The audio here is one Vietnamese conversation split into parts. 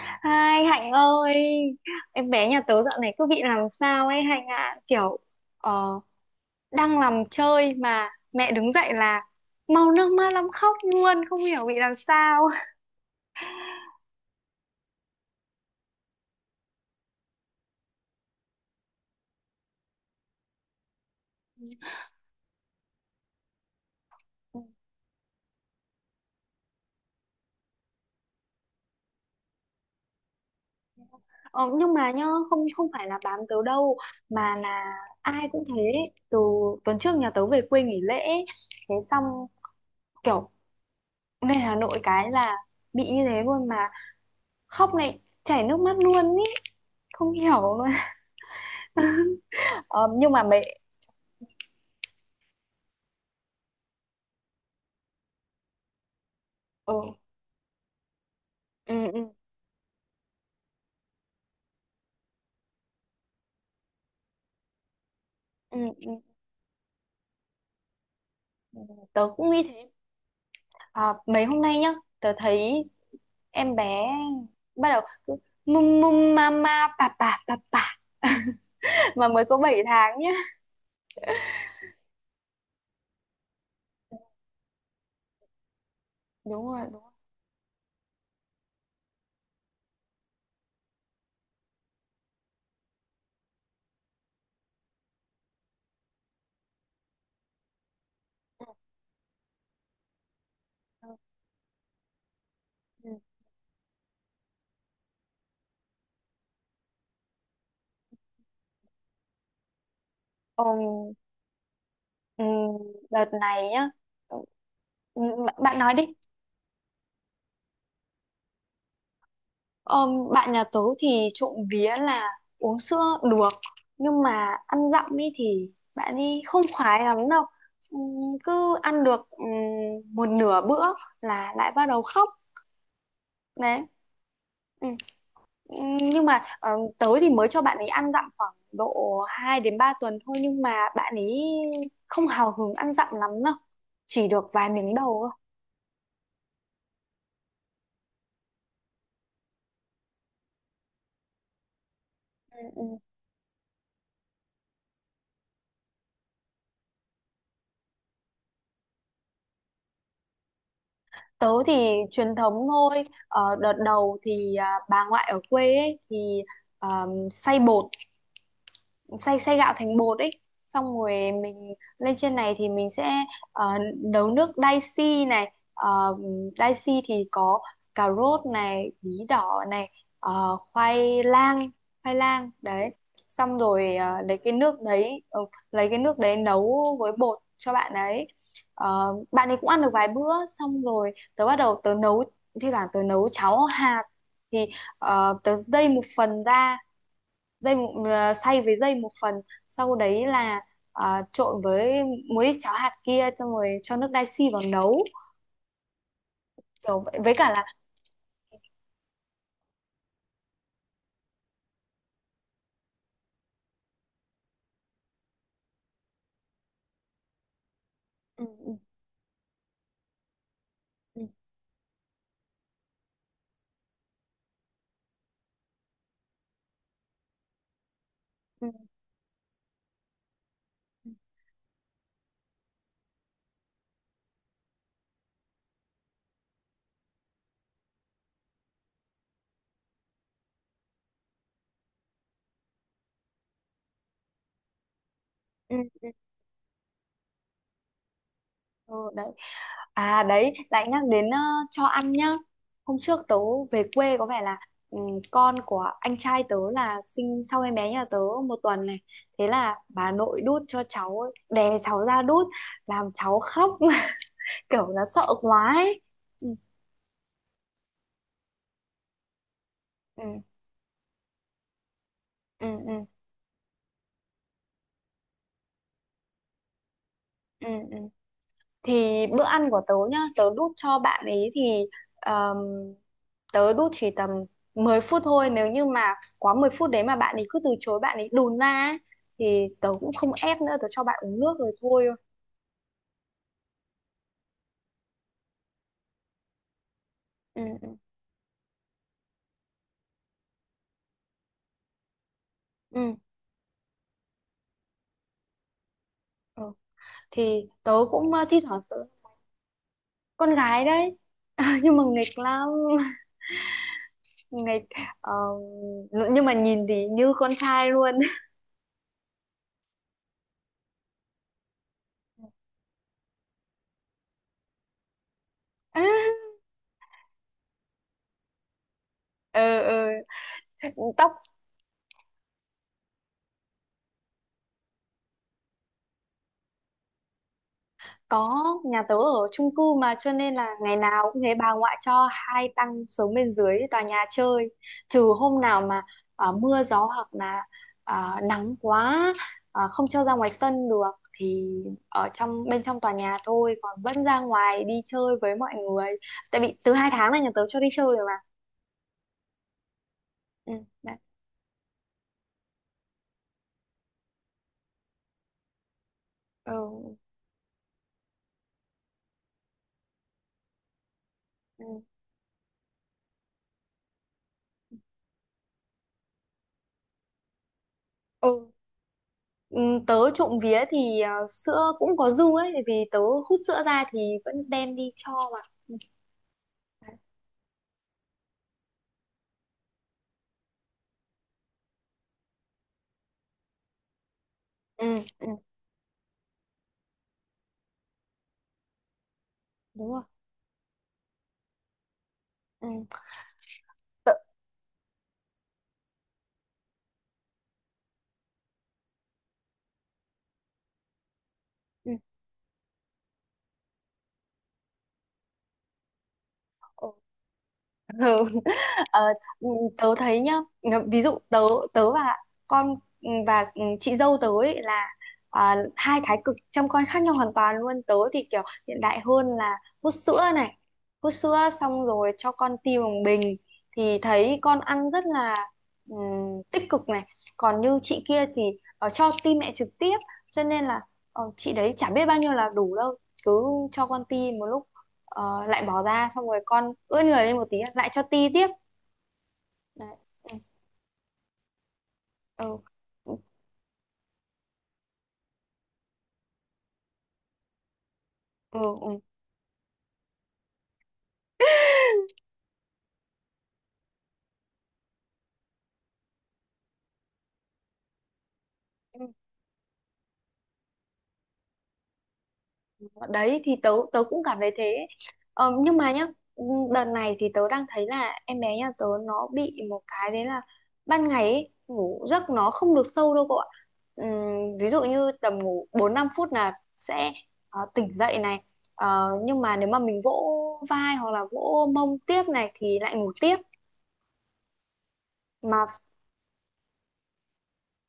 Hai Hạnh ơi, em bé nhà tớ dạo này cứ bị làm sao ấy Hạnh ạ, kiểu ờ, đang làm chơi mà mẹ đứng dậy là mau nước mắt lắm, khóc luôn, không hiểu bị làm sao. Ờ, nhưng mà nhá, không, không phải là bám tớ đâu, mà là ai cũng thế. Từ tuần trước nhà tớ về quê nghỉ lễ ấy, thế xong kiểu lên Hà Nội cái là bị như thế luôn, mà khóc này, chảy nước mắt luôn ý, không hiểu luôn. Ờ, nhưng mà mẹ. Ừ, ừ, ừ. Ừ, ừ, ừ, tớ cũng nghĩ thế. À, mấy hôm nay nhá, tớ thấy em bé bắt đầu cứ mum mum mama bà mà mới có 7 tháng nhá. Đúng rồi, đúng rồi. Ừ, ừ. Ờm, ừm, đợt này nhá. Ừ, bạn bạn nói đi. Bạn nhà tớ thì trộm vía là uống sữa được, nhưng mà ăn dặm ấy thì bạn ấy không khoái lắm đâu. Cứ ăn được một nửa bữa là lại bắt đầu khóc. Đấy. Ừ. Ừ, nhưng mà tớ thì mới cho bạn ấy ăn dặm khoảng độ 2 đến 3 tuần thôi, nhưng mà bạn ấy không hào hứng ăn dặm lắm đâu. Chỉ được vài miếng đầu thôi. Ừ, ừ. Tớ thì truyền thống thôi. Ờ, đợt đầu thì bà ngoại ở quê ấy, thì xay bột, xay xay gạo thành bột ấy, xong rồi mình lên trên này thì mình sẽ ờ, nấu nước dashi này. uh, dashi thì có cà rốt này, bí đỏ này, khoai lang, khoai lang đấy. Xong rồi lấy cái nước đấy nấu với bột cho bạn ấy. Ờ, bạn ấy cũng ăn được vài bữa, xong rồi tớ bắt đầu tớ nấu thi thoảng tớ nấu cháo hạt, thì tớ dây một phần ra, dây xay với dây một phần, sau đấy là trộn với muối cháo hạt kia, xong rồi cho nước dashi vào nấu, kiểu vậy, với cả là ừ, ừ, ừ, ừ, ừ, ừ, ừ, đấy. À, đấy, lại nhắc đến cho ăn nhá. Hôm trước tớ về quê có vẻ là ừ, con của anh trai tớ là sinh sau em bé nhà tớ một tuần này, thế là bà nội đút cho cháu ấy, đè cháu ra đút làm cháu khóc kiểu nó sợ quá ấy. Ừ, ừ, ừ, ừ. Ừ, ừ. Thì bữa ăn của tớ nhá, tớ đút cho bạn ấy thì um, tớ đút chỉ tầm 10 phút thôi, nếu như mà quá 10 phút đấy mà bạn ấy cứ từ chối, bạn ấy đùn ra ấy, thì tớ cũng không ép nữa, tớ cho bạn uống nước rồi thôi. Ừ, ừ, ừ. Ừ. Thì tớ cũng thi thoảng tớ. Con gái đấy, nhưng mà nghịch lắm, nghịch ờ, nhưng mà nhìn thì như con trai luôn. Ừ, ừ. Tóc. Có, nhà tớ ở chung cư mà, cho nên là ngày nào cũng thế, bà ngoại cho hai tăng xuống bên dưới tòa nhà chơi, trừ hôm nào mà mưa gió, hoặc là nắng quá, không cho ra ngoài sân được, thì ở trong, bên trong tòa nhà thôi, còn vẫn ra ngoài đi chơi với mọi người, tại vì từ 2 tháng là nhà tớ cho đi chơi rồi mà. Ừ, đấy. Ừ, ừ. Ừ. Ừ, tớ trộm vía thì sữa cũng có dư ấy, vì tớ hút sữa ra thì vẫn đem đi cho mà. Ừ, ừ. Đúng rồi. Ừ. Tự, ừ. Ừ. Ừ. Ờ, ừ, tớ thấy nhá, ví dụ tớ tớ và con và chị dâu tớ ấy là hai thái cực chăm con khác nhau hoàn toàn luôn. Tớ thì kiểu hiện đại hơn là hút sữa này, hút sữa xong rồi cho con ti bằng bình, thì thấy con ăn rất là tích cực này. Còn như chị kia thì cho ti mẹ trực tiếp, cho nên là chị đấy chả biết bao nhiêu là đủ đâu, cứ cho con ti một lúc, lại bỏ ra, xong rồi con ướt người lên một tí lại cho ti tiếp. Đấy. Ừ. Ừ. Ừ. Ừ. Ừ. Đấy thì tớ tớ cũng cảm thấy thế. Ờ, nhưng mà nhá, đợt này thì tớ đang thấy là em bé nhà tớ nó bị một cái đấy là ban ngày ấy, ngủ giấc nó không được sâu đâu cậu ạ. Ví dụ như tầm ngủ 4 5 phút là sẽ tỉnh dậy này. Ờ, nhưng mà nếu mà mình vỗ vai hoặc là vỗ mông tiếp này thì lại ngủ tiếp mà.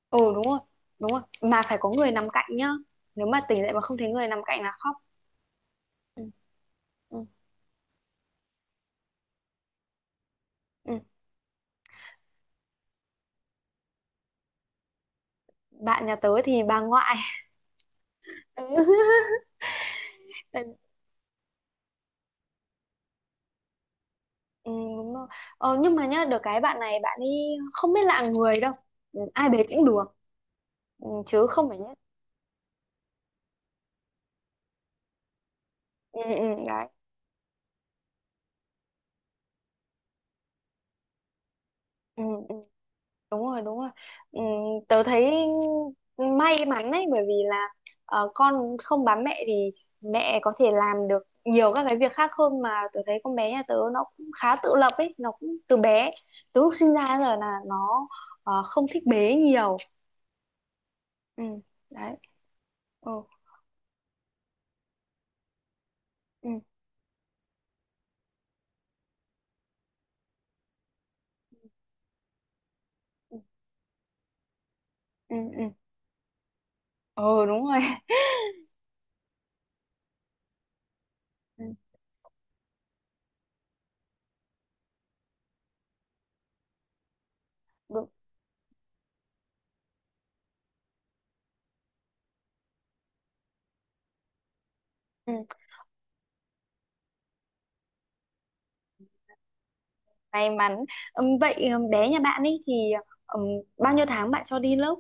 Ừ, đúng rồi, đúng rồi. Mà phải có người nằm cạnh nhá. Nếu mà tỉnh dậy mà không thấy người nằm cạnh là khóc. Ừ, ừ, ừ. Bạn nhà tớ thì bà ngoại. Ừ, tại- ừ, đúng rồi. Ờ, nhưng mà nhá, được cái bạn này bạn ấy không biết lạ người đâu. Ừ, ai bế cũng được. Ừ, chứ không phải nhất. Ừ, ừ, đấy. Ừ, ừ. Đúng rồi, đúng rồi. Ừm, tớ thấy may mắn ấy, bởi vì là con không bám mẹ thì mẹ có thể làm được nhiều các cái việc khác hơn. Mà tớ thấy con bé nhà tớ nó cũng khá tự lập ấy, nó cũng từ bé, từ lúc sinh ra đến giờ là nó không thích bế nhiều. Ừ, đấy. Ừ, ừ, ừ, ừ, ừ. Ừ, đúng rồi. Ừ, đúng. Ừ. May mắn. Vậy bé nhà bạn ấy thì ừm, bao nhiêu tháng bạn cho đi lớp?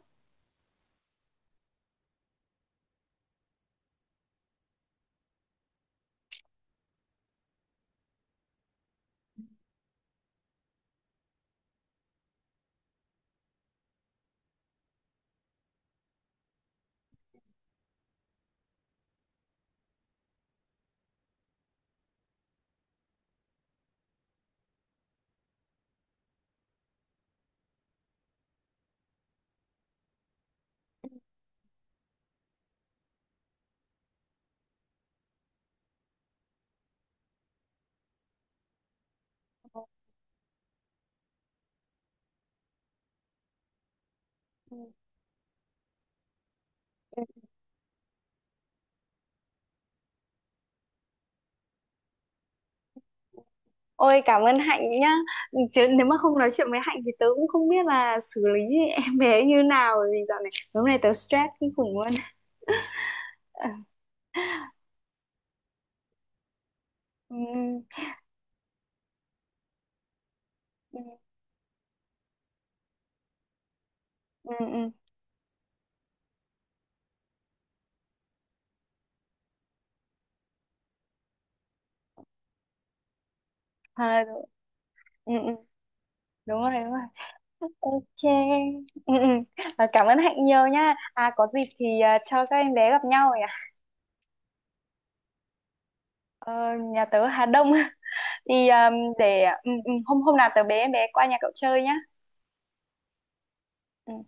Ừ. Ôi, cảm ơn Hạnh nhá. Chứ nếu mà không nói chuyện với Hạnh thì tớ cũng không biết là xử lý em bé như nào. Bởi vì dạo này, tối hôm nay tớ stress kinh khủng luôn. Ờ, ừ, ừ, ừ, ừ. À, đúng, ừ, ừ. Đúng rồi, đúng rồi. Ok, ừ, ừ. À, cảm ơn Hạnh nhiều nhá. À, có dịp thì cho các em bé gặp nhau nhỉ. Ờ, nhà tớ Hà Đông. Thì để hôm hôm nào tớ bế em bé qua nhà cậu chơi nhá. Ừ.